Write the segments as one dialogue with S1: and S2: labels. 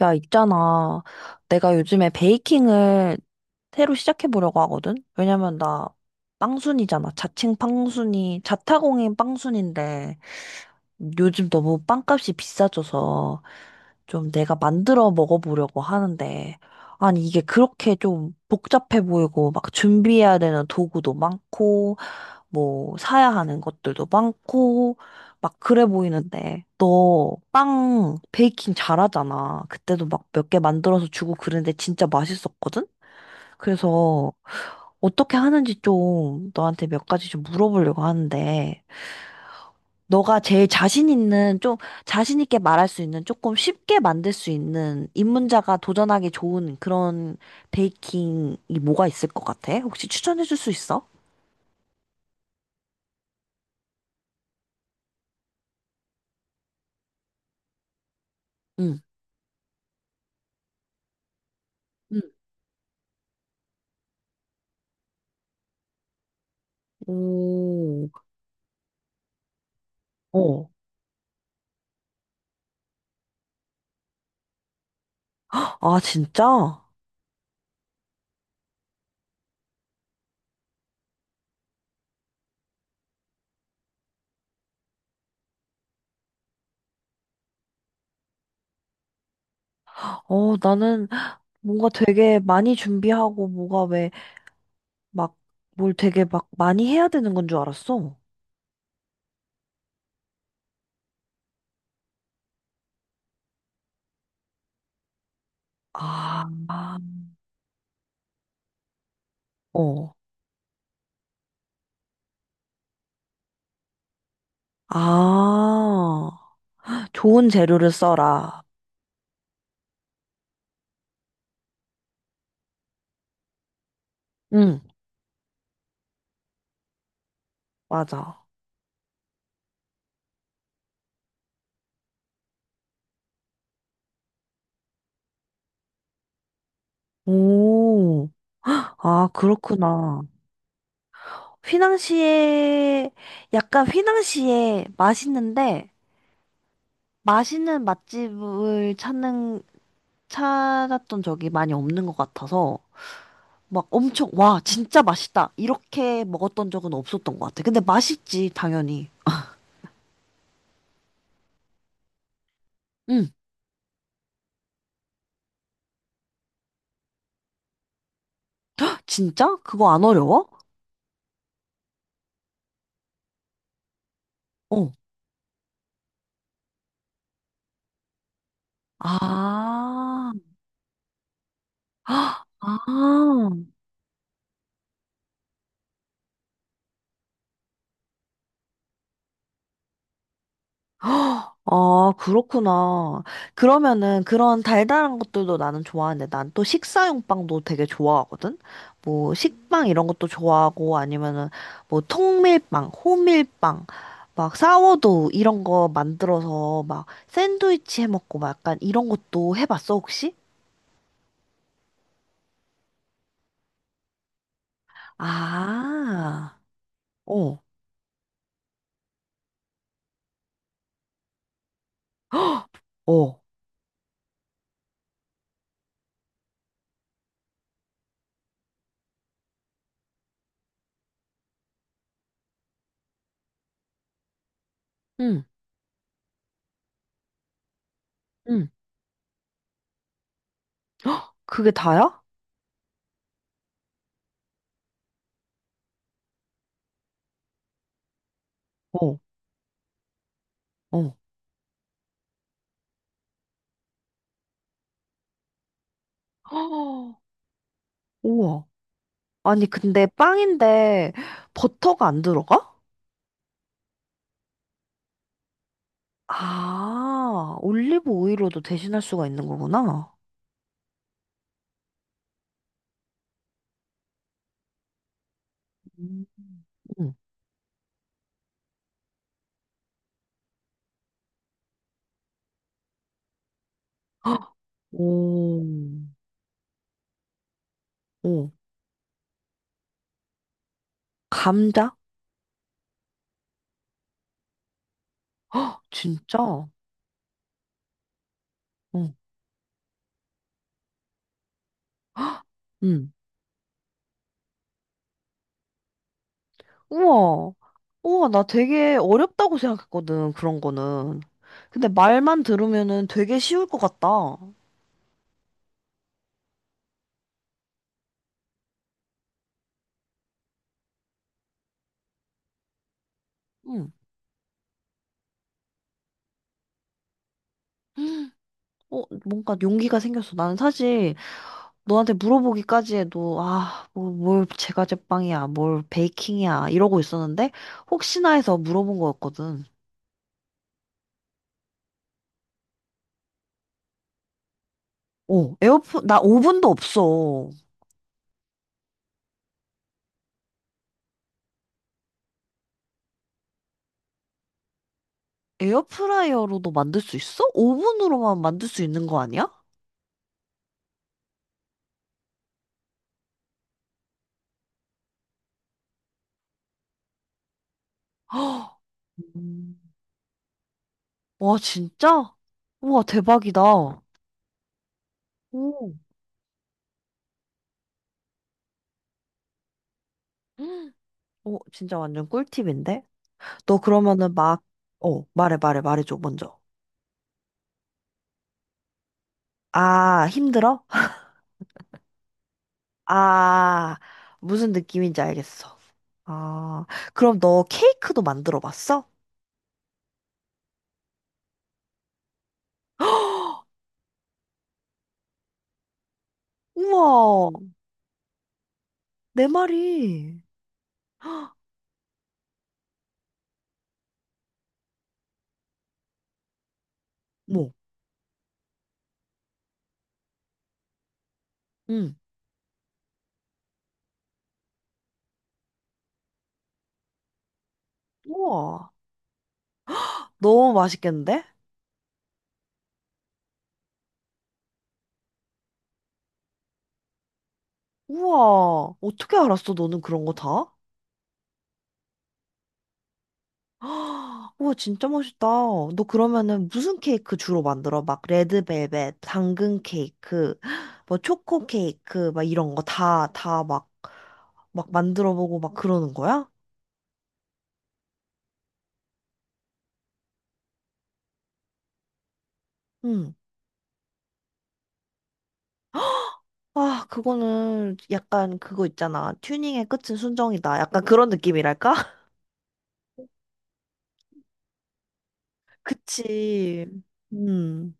S1: 야, 있잖아. 내가 요즘에 베이킹을 새로 시작해보려고 하거든? 왜냐면 나 빵순이잖아. 자칭 빵순이, 자타공인 빵순인데 요즘 너무 빵값이 비싸져서 좀 내가 만들어 먹어보려고 하는데 아니, 이게 그렇게 좀 복잡해 보이고 막 준비해야 되는 도구도 많고 뭐 사야 하는 것들도 많고 막 그래 보이는데 너 빵 베이킹 잘하잖아. 그때도 막 몇 개 만들어서 주고 그랬는데 진짜 맛있었거든? 그래서 어떻게 하는지 좀 너한테 몇 가지 좀 물어보려고 하는데 너가 제일 자신 있는 좀 자신 있게 말할 수 있는 조금 쉽게 만들 수 있는 입문자가 도전하기 좋은 그런 베이킹이 뭐가 있을 것 같아? 혹시 추천해 줄 수 있어? 응. 응. 오, 어. 아, 진짜? 어, 나는 뭔가 되게 많이 준비하고 뭐가 왜 막 뭘 되게 막 많이 해야 되는 건 줄 알았어. 아, 아, 어. 아, 좋은 재료를 써라. 응, 맞아. 오, 아, 그렇구나. 휘낭시에, 약간 휘낭시에 맛있는데, 맛있는 맛집을 찾는, 찾았던 적이 많이 없는 것 같아서, 막 엄청, 와, 진짜 맛있다. 이렇게 먹었던 적은 없었던 것 같아. 근데 맛있지, 당연히. 응. 진짜? 그거 안 어려워? 어. 아. 아. 헉, 아, 그렇구나. 그러면은 그런 달달한 것들도 나는 좋아하는데 난 또 식사용 빵도 되게 좋아하거든? 뭐 식빵 이런 것도 좋아하고 아니면은 뭐 통밀빵, 호밀빵, 막 사워도우 이런 거 만들어서 막 샌드위치 해 먹고 막 약간 이런 것도 해봤어 혹시? 아, 어, 어, 응, 응. 헉, 그게 다야? 어, 어. 헉, 우와. 아니, 근데 빵인데 버터가 안 들어가? 아, 올리브 오일로도 대신할 수가 있는 거구나. 음. 응. 오, 오, 감자? 진짜? 응, 응. 우와, 우와, 나 되게 어렵다고 생각했거든, 그런 거는. 근데 말만 들으면은 되게 쉬울 것 같다. 응. 어, 뭔가 용기가 생겼어. 나는 사실 너한테 물어보기까지 해도, 아, 뭐, 뭘 제과제빵이야, 뭘 베이킹이야, 이러고 있었는데, 혹시나 해서 물어본 거였거든. 어, 나 오븐도 없어. 에어프라이어로도 만들 수 있어? 오븐으로만 만들 수 있는 거 아니야? 헉, 음. 와, 진짜? 우와, 대박이다. 오, 헉, 오, 진짜 완전 꿀팁인데? 너 그러면은 막, 어, 말해줘, 먼저. 아, 힘들어? 아, 무슨 느낌인지 알겠어. 아, 그럼 너 케이크도 만들어 봤어? 우와, 내 말이. 뭐, 응. 우와, 너무 맛있겠는데? 우와, 어떻게 알았어, 너는 그런 거 다? 우와, 진짜 멋있다. 너 그러면은 무슨 케이크 주로 만들어? 막 레드벨벳, 당근 케이크, 뭐 초코 케이크, 막 이런 거 다 막, 막 만들어 보고 막 그러는 거야? 응. 아, 그거는 약간 그거 있잖아. 튜닝의 끝은 순정이다. 약간 그런 느낌이랄까? 그치. 음.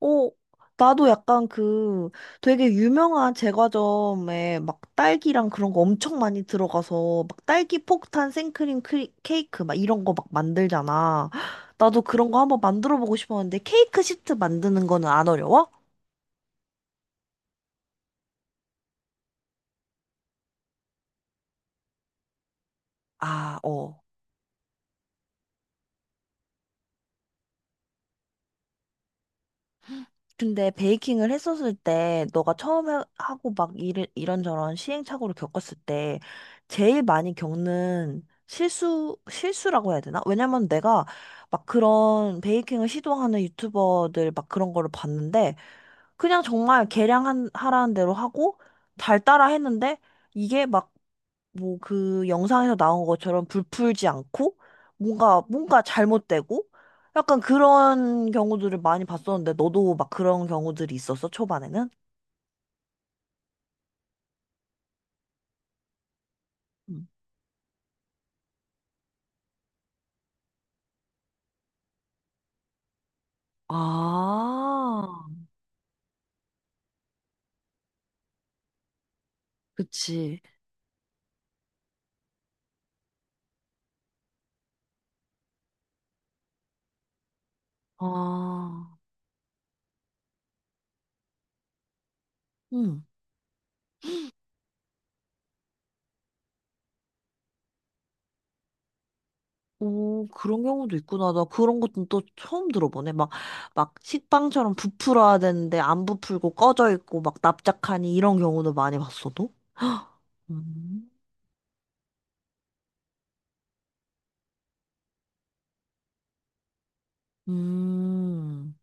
S1: 어, 나도 약간 그 되게 유명한 제과점에 막 딸기랑 그런 거 엄청 많이 들어가서 막 딸기 폭탄 생크림 케이크 막 이런 거 막 만들잖아. 나도 그런 거 한번 만들어 보고 싶었는데 케이크 시트 만드는 거는 안 어려워? 아, 어. 근데 베이킹을 했었을 때 너가 하고 막 일, 이런저런 시행착오를 겪었을 때 제일 많이 겪는 실수, 실수라고 해야 되나? 왜냐면 내가 막 그런 베이킹을 시도하는 유튜버들 막 그런 거를 봤는데 그냥 정말 계량 하라는 대로 하고 잘 따라 했는데 이게 막 뭐 그 영상에서 나온 것처럼 불풀지 않고 뭔가 잘못되고 약간 그런 경우들을 많이 봤었는데 너도 막 그런 경우들이 있었어 초반에는? 음. 아, 그치. 아, 오, 그런 경우도 있구나. 나 그런 것도 또 처음 들어보네. 막, 막 식빵처럼 부풀어야 되는데 안 부풀고 꺼져 있고 막 납작하니 이런 경우도 많이 봤어도. 음, 음,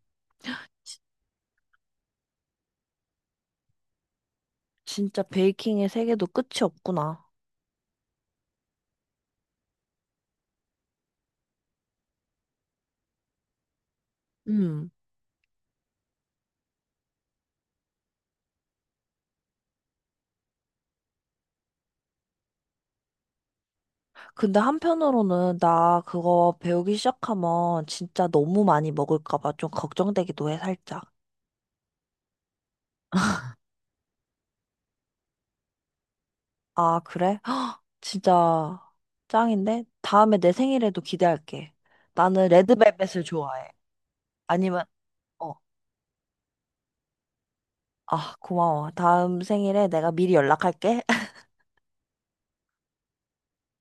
S1: 진짜 베이킹의 세계도 끝이 없구나. 음. 근데 한편으로는 나 그거 배우기 시작하면 진짜 너무 많이 먹을까 봐 좀 걱정되기도 해, 살짝. 아, 그래? 진짜 짱인데? 다음에 내 생일에도 기대할게. 나는 레드벨벳을 좋아해. 아니면, 어, 아, 고마워. 다음 생일에 내가 미리 연락할게.